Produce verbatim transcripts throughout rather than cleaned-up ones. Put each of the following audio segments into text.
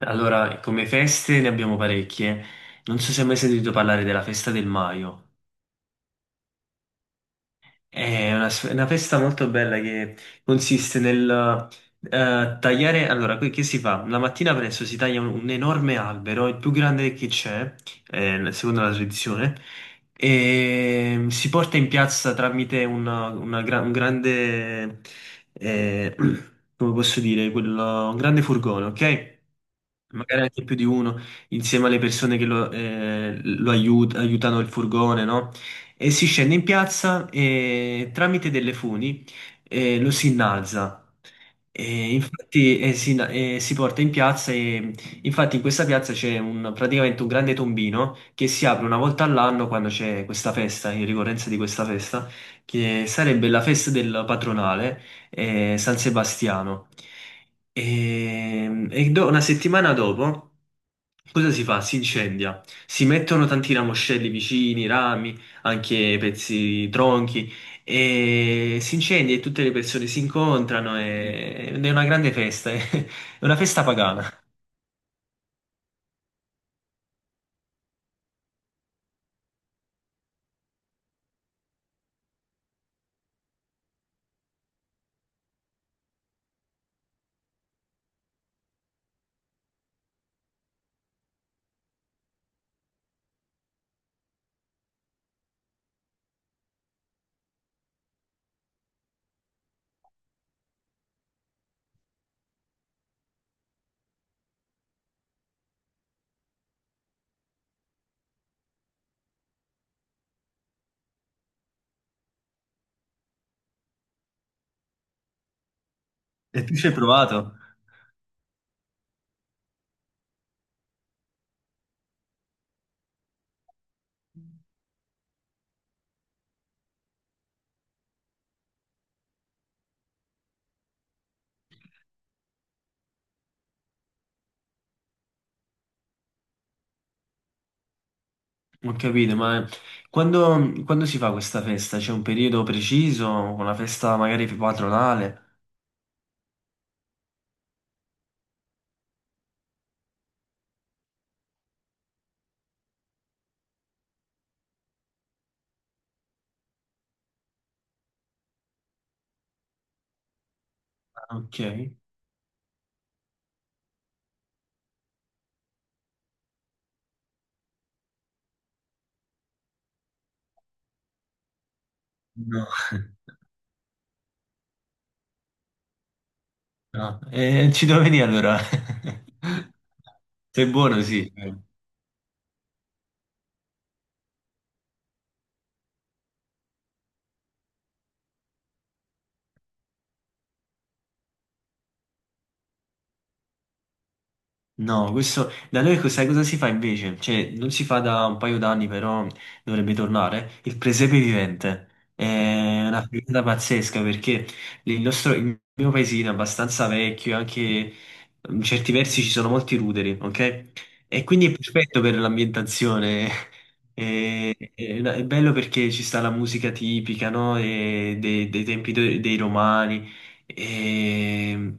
Allora, come feste ne abbiamo parecchie. Non so se hai mai sentito parlare della festa del Maio. È una, s- una festa molto bella che consiste nel eh, tagliare. Allora, que- che si fa? La mattina presto si taglia un, un enorme albero, il più grande che c'è, eh, secondo la tradizione, e si porta in piazza tramite una- una gra- un grande, eh, come posso dire, quello- un grande furgone, ok? Magari anche più di uno, insieme alle persone che lo, eh, lo aiut- aiutano il furgone, no? E si scende in piazza e tramite delle funi eh, lo si innalza. E infatti eh, si, eh, si porta in piazza e infatti in questa piazza c'è un- praticamente un grande tombino che si apre una volta all'anno quando c'è questa festa, in ricorrenza di questa festa, che sarebbe la festa del patronale eh, San Sebastiano. E, e do- una settimana dopo, cosa si fa? Si incendia. Si mettono tanti ramoscelli vicini, rami anche pezzi tronchi e si incendia e tutte le persone si incontrano e- ed è una grande festa, è una festa pagana. E tu ci hai provato? Ho capito, ma quando, quando si fa questa festa? C'è un periodo preciso? Una festa magari patronale? Ah, ok. No, no. Eh, ci devo venire allora. Sei buono, sì. No, questo da noi co- sai cosa si fa invece? Cioè, non si fa da un paio d'anni, però dovrebbe tornare. Il presepe vivente è una figata pazzesca perché il nostro, il mio paesino è abbastanza vecchio, anche in certi versi ci sono molti ruderi, ok? E quindi è perfetto per l'ambientazione. È, è una- è bello perché ci sta la musica tipica, no? E dei, dei tempi de- dei romani. E,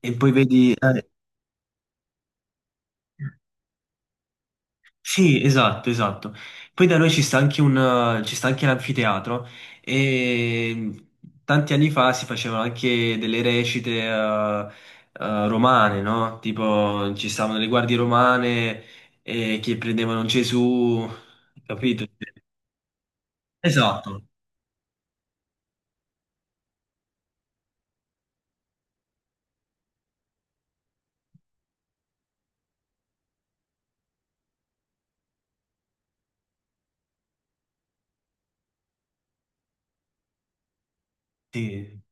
e poi vedi. eh, Sì, esatto, esatto. Poi da noi ci sta anche un, ci sta anche l'anfiteatro e tanti anni fa si facevano anche delle recite eh, eh, romane, no? Tipo ci stavano le guardie romane eh, che prendevano Gesù, capito? Esatto. Sì,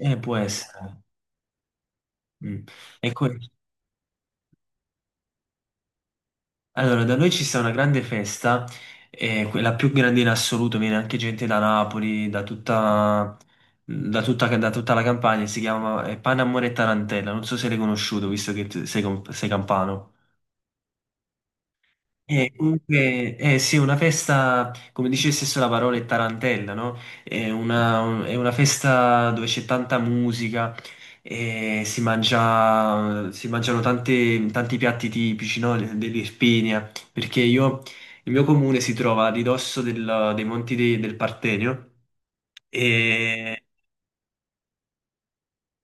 eh, può essere. Mm. Ecco. Allora, da noi ci sta una grande festa, eh, que- la più grande in assoluto, viene anche gente da Napoli, da tutta, da tutta, da tutta la Campania, si chiama eh, Pane, Amore e Tarantella, non so se l'hai conosciuto, visto che t- sei, com- sei campano. Eh, comunque, eh, sì, una festa, come dice stesso la parola, è tarantella, no? È una, un- è una festa dove c'è tanta musica, eh, si mangia, si mangiano tante- tanti piatti tipici, no? Dell'Irpinia, perché io, il mio comune si trova a ridosso del- dei Monti de- del Partenio. e...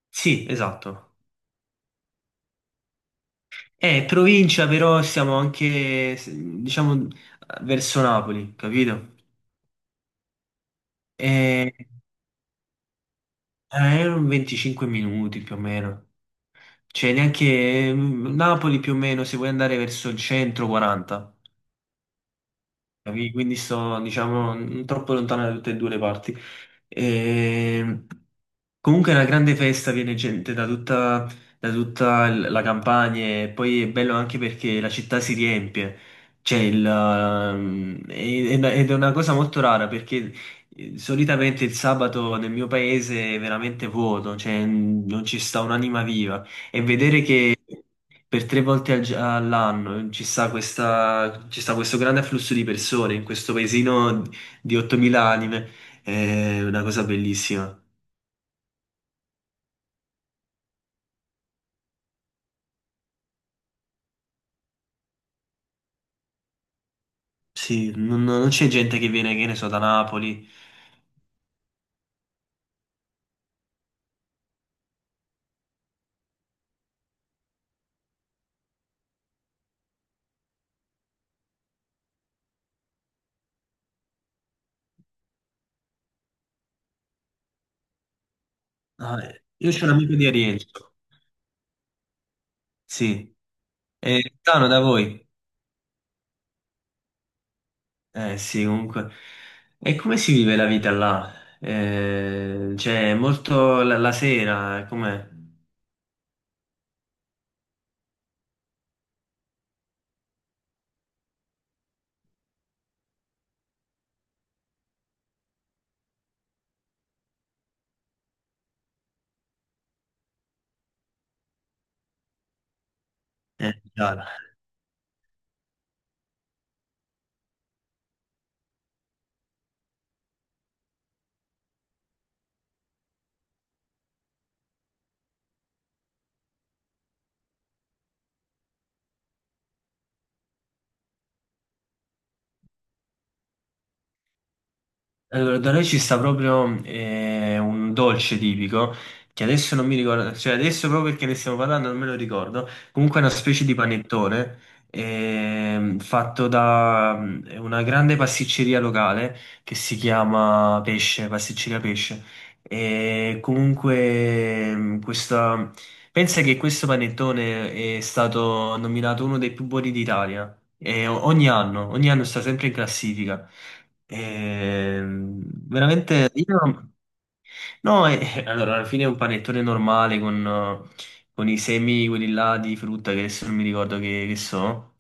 sì, esatto. È provincia, però siamo anche, diciamo, verso Napoli, capito? Eh, Eh, erano venticinque minuti più o meno. Cioè, neanche mm, Napoli più o meno, se vuoi andare verso il centro, quaranta. Capi? Quindi sto, diciamo, non troppo lontano da tutte e due le parti. E... Comunque è una grande festa, viene gente da tutta, da tutta l- la campagna e poi è bello anche perché la città si riempie. C'è il, ehm, e- ed ed è una cosa molto rara perché eh, solitamente il sabato nel mio paese è veramente vuoto, cioè mm, non ci sta un'anima viva. E vedere che per tre volte al gi- all'anno ci sta questa- ci sta questo grande afflusso di persone in questo paesino di ottomila anime, è una cosa bellissima. Sì, non, non c'è gente che viene, che ne so, da Napoli. Ah, eh, io c'ho un amico di Arienzo, sì, è lontano da voi. Eh sì, comunque. E come si vive la vita là? Eh, cioè, molto la, la sera, com'è? Eh, già. Allora, da noi ci sta proprio eh, un dolce tipico che adesso non mi ricordo, cioè adesso proprio perché ne stiamo parlando non me lo ricordo. Comunque è una specie di panettone ehm, fatto da mm, una grande pasticceria locale che si chiama Pesce, Pasticceria Pesce. E comunque mm, questa... pensa che questo panettone è stato nominato uno dei più buoni d'Italia. E o- ogni anno, ogni anno sta sempre in classifica. Ehm, veramente, io. No, eh, allora, alla fine è un panettone normale con, eh, con i semi, quelli là di frutta che adesso non mi ricordo che, che so.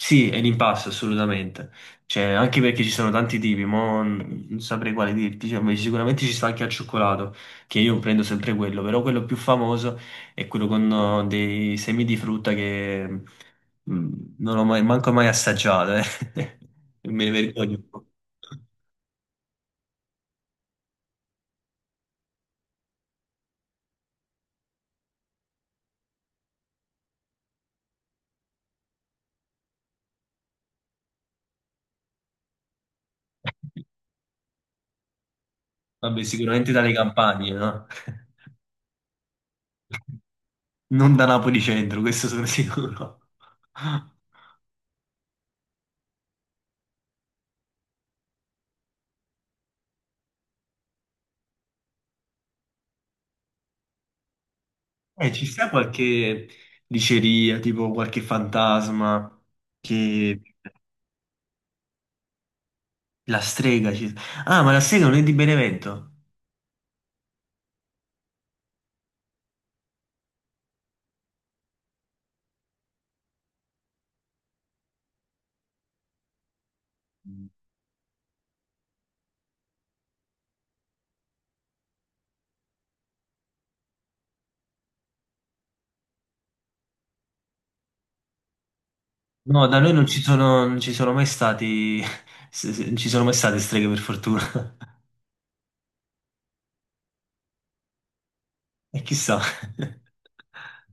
Sì, è l'impasse assolutamente. Cioè, anche perché ci sono tanti tipi, mo n- non saprei quale dirti. Cioè, beh, sicuramente ci sta anche al cioccolato, che io prendo sempre quello, però quello più famoso è quello con eh, dei semi di frutta che mm, non ho mai, manco mai assaggiato, eh. E me ne vergogno un po'. Vabbè, sicuramente dalle campagne, no? Non da Napoli centro, questo sono sicuro. Eh, ci sta qualche diceria, tipo qualche fantasma che. La strega ci. Ah, ma la strega non è di Benevento? No, da noi non ci sono, non ci sono mai stati. se- se- Non ci sono mai state streghe per fortuna. E chissà.